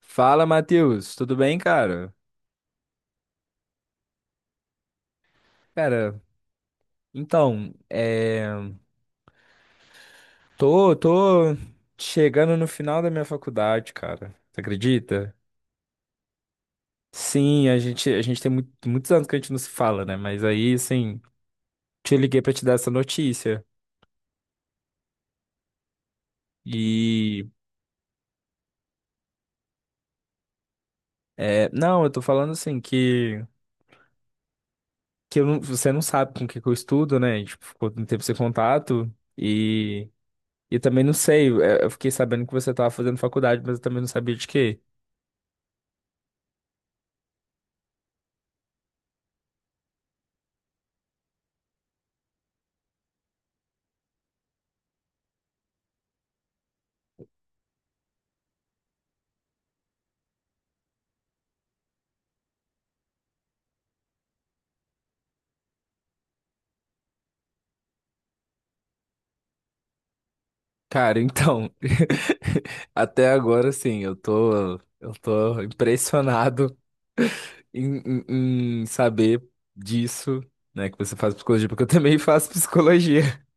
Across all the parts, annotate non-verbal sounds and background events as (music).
Fala, Matheus, tudo bem, cara? Cara, então, é... tô chegando no final da minha faculdade, cara. Você acredita? Sim, a gente tem muitos anos que a gente não se fala, né? Mas aí, assim, te liguei pra te dar essa notícia. E, não, eu tô falando assim que eu não- você não sabe com o que que eu estudo, né? A gente ficou um tempo sem contato e, e também não sei. Eu fiquei sabendo que você tava fazendo faculdade, mas eu também não sabia de quê. Cara, então, (laughs) até agora sim, eu tô impressionado (laughs) em, em saber disso, né, que você faz psicologia, porque eu também faço psicologia. (laughs)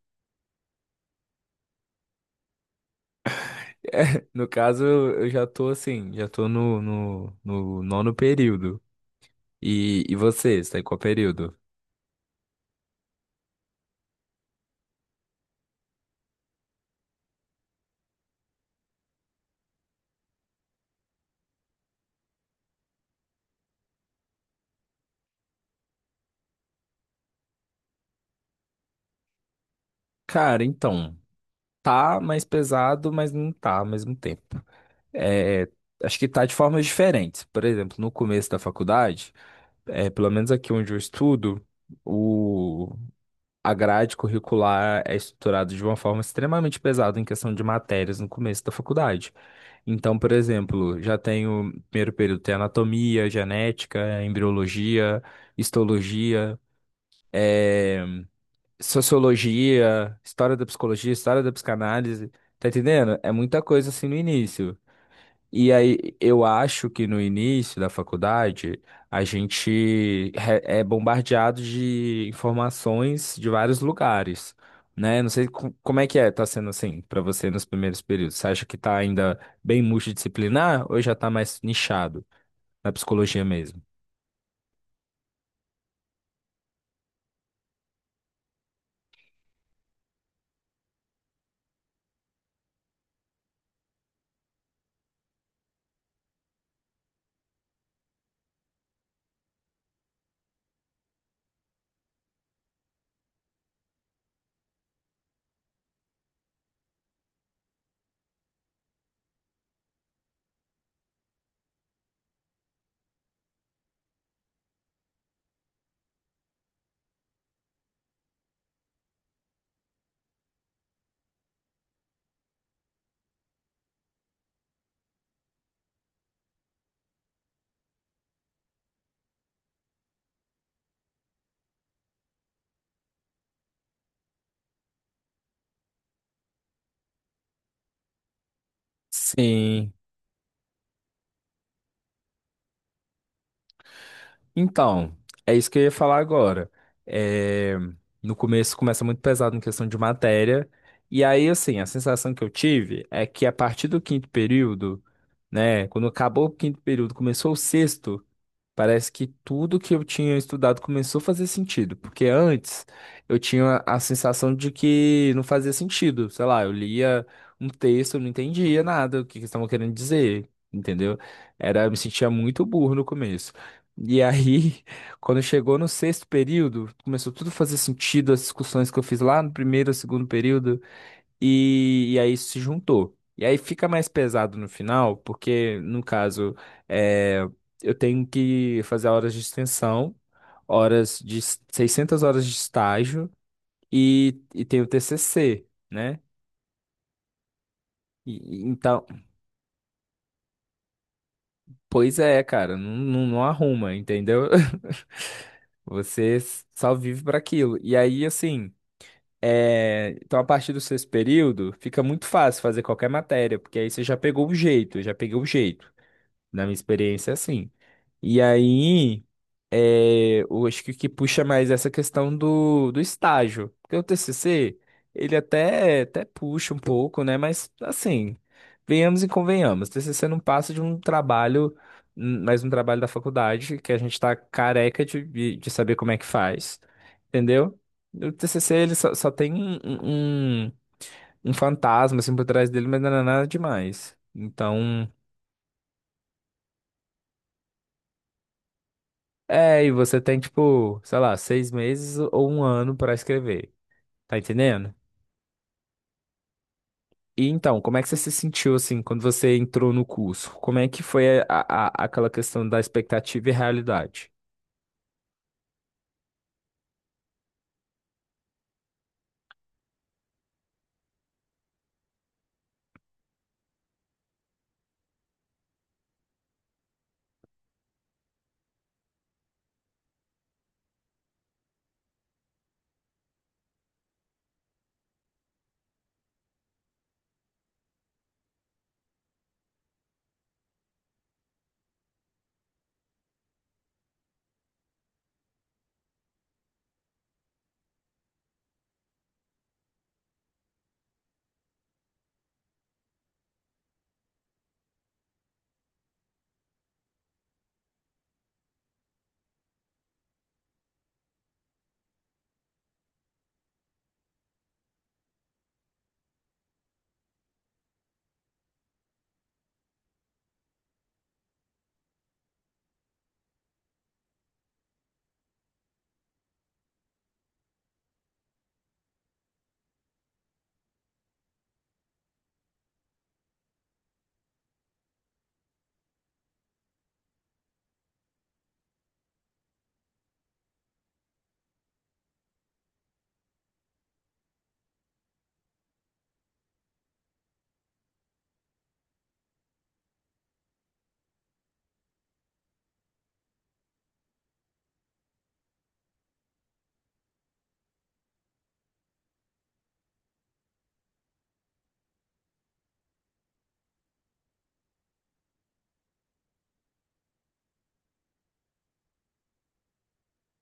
É, no caso, eu já tô assim, já tô no nono período. E, você tá em qual período? Cara, então, tá mais pesado, mas não tá ao mesmo tempo. É, acho que tá de formas diferentes. Por exemplo, no começo da faculdade. É, pelo menos aqui onde eu estudo, o... a grade curricular é estruturada de uma forma extremamente pesada em questão de matérias no começo da faculdade. Então, por exemplo, já tenho, primeiro período, tem anatomia, genética, embriologia, histologia, eh, sociologia, história da psicologia, história da psicanálise. Tá entendendo? É muita coisa assim no início. E aí, eu acho que no início da faculdade, é bombardeado de informações de vários lugares, né? Não sei como é que é, tá sendo assim para você nos primeiros períodos. Você acha que tá ainda bem multidisciplinar ou já tá mais nichado na psicologia mesmo? Sim. Então, é isso que eu ia falar agora. É, no começo começa muito pesado em questão de matéria, e aí, assim, a sensação que eu tive é que a partir do quinto período, né, quando acabou o quinto período, começou o sexto. Parece que tudo que eu tinha estudado começou a fazer sentido, porque antes eu tinha a sensação de que não fazia sentido. Sei lá, eu lia um texto, eu não entendia nada o que que eles estavam querendo dizer, entendeu? Era, eu me sentia muito burro no começo. E aí, (laughs) quando chegou no sexto período, começou tudo a fazer sentido, as discussões que eu fiz lá no primeiro, segundo período. E aí isso se juntou. E aí fica mais pesado no final, porque, no caso, é, eu tenho que fazer horas de extensão, 600 horas de estágio e tenho TCC, né? E então, pois é, cara, não arruma, entendeu? (laughs) Você só vive para aquilo. E aí, assim, é, então a partir do sexto período, fica muito fácil fazer qualquer matéria, porque aí você já pegou o jeito, já peguei o jeito. Na minha experiência, é assim. E aí, é, eu acho que o que puxa mais é essa questão do estágio. Porque o TCC, ele até puxa um pouco, né? Mas, assim, venhamos e convenhamos. TCC não passa de um trabalho, mais um trabalho da faculdade, que a gente tá careca de, de saber como é que faz, entendeu? O TCC, ele só tem um um fantasma, assim, por trás dele, mas não é nada demais. Então. É, e você tem, tipo, sei lá, 6 meses ou um ano pra escrever. Tá entendendo? E então, como é que você se sentiu, assim, quando você entrou no curso? Como é que foi aquela questão da expectativa e realidade?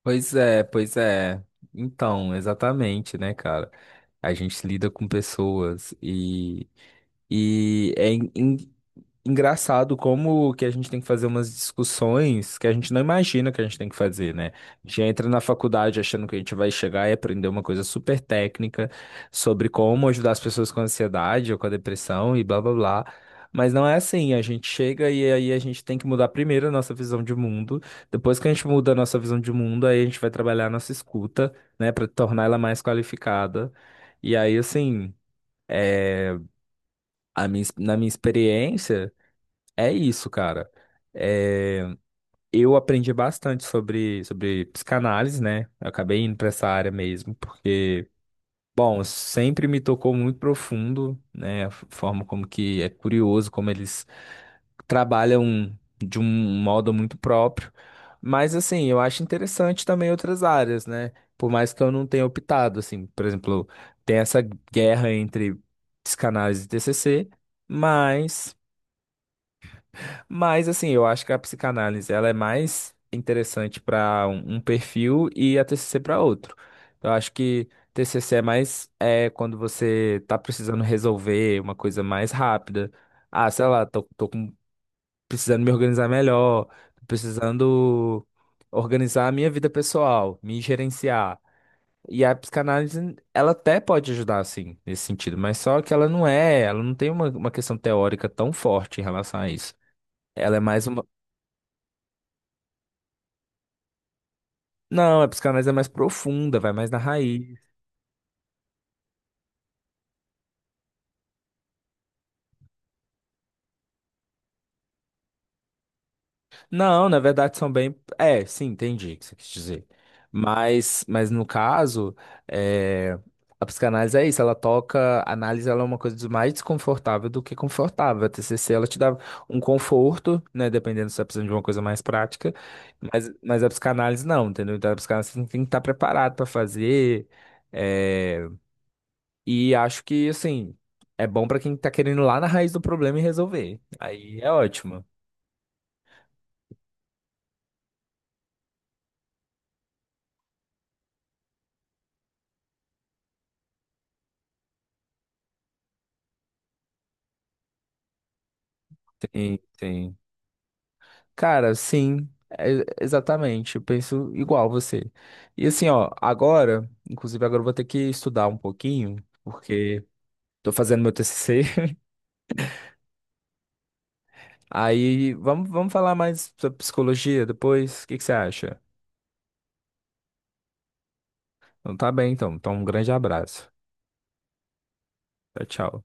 Pois é, pois é. Então, exatamente, né, cara? A gente lida com pessoas e E é en- en- engraçado como que a gente tem que fazer umas discussões que a gente não imagina que a gente tem que fazer, né? A gente entra na faculdade achando que a gente vai chegar e aprender uma coisa super técnica sobre como ajudar as pessoas com ansiedade ou com a depressão e blá blá blá. Mas não é assim, a gente chega e aí a gente tem que mudar primeiro a nossa visão de mundo. Depois que a gente muda a nossa visão de mundo, aí a gente vai trabalhar a nossa escuta, né, para tornar ela mais qualificada. E aí, assim, a minha, na minha experiência. É isso, cara. É, eu aprendi bastante sobre psicanálise, né? Eu acabei indo para essa área mesmo, porque, bom, sempre me tocou muito profundo, né? A forma como que é curioso, como eles trabalham de um modo muito próprio. Mas, assim, eu acho interessante também outras áreas, né? Por mais que eu não tenha optado, assim, por exemplo, tem essa guerra entre psicanálise e TCC, mas. Mas assim, eu acho que a psicanálise ela é mais interessante para um perfil e a TCC para outro. Eu acho que TCC é mais é quando você tá precisando resolver uma coisa mais rápida. Ah, sei lá, precisando me organizar melhor, tô precisando organizar a minha vida pessoal, me gerenciar. E a psicanálise, ela até pode ajudar, assim, nesse sentido, mas só que ela não é, ela não tem uma questão teórica tão forte em relação a isso. Ela é mais uma, não, a psicanálise é mais profunda, vai mais na raiz. Não, na verdade são bem. É, sim, entendi o que você quis dizer. Mas no caso, é, a psicanálise é isso, ela toca. A análise ela é uma coisa mais desconfortável do que confortável. A TCC ela te dá um conforto, né? Dependendo se você tá precisando de uma coisa mais prática. Mas a psicanálise não, entendeu? Então a psicanálise você tem que estar preparado para fazer. eh, E acho que, assim, é bom pra quem tá querendo ir lá na raiz do problema e resolver. Aí é ótimo. Sim, sim. Cara, sim, exatamente. Eu penso igual você. E assim, ó, agora, inclusive agora eu vou ter que estudar um pouquinho, porque tô fazendo meu TCC. (laughs) Aí vamos, vamos falar mais sobre psicologia depois. O que que você acha? Então tá bem, então. Então um grande abraço. Tchau, tchau.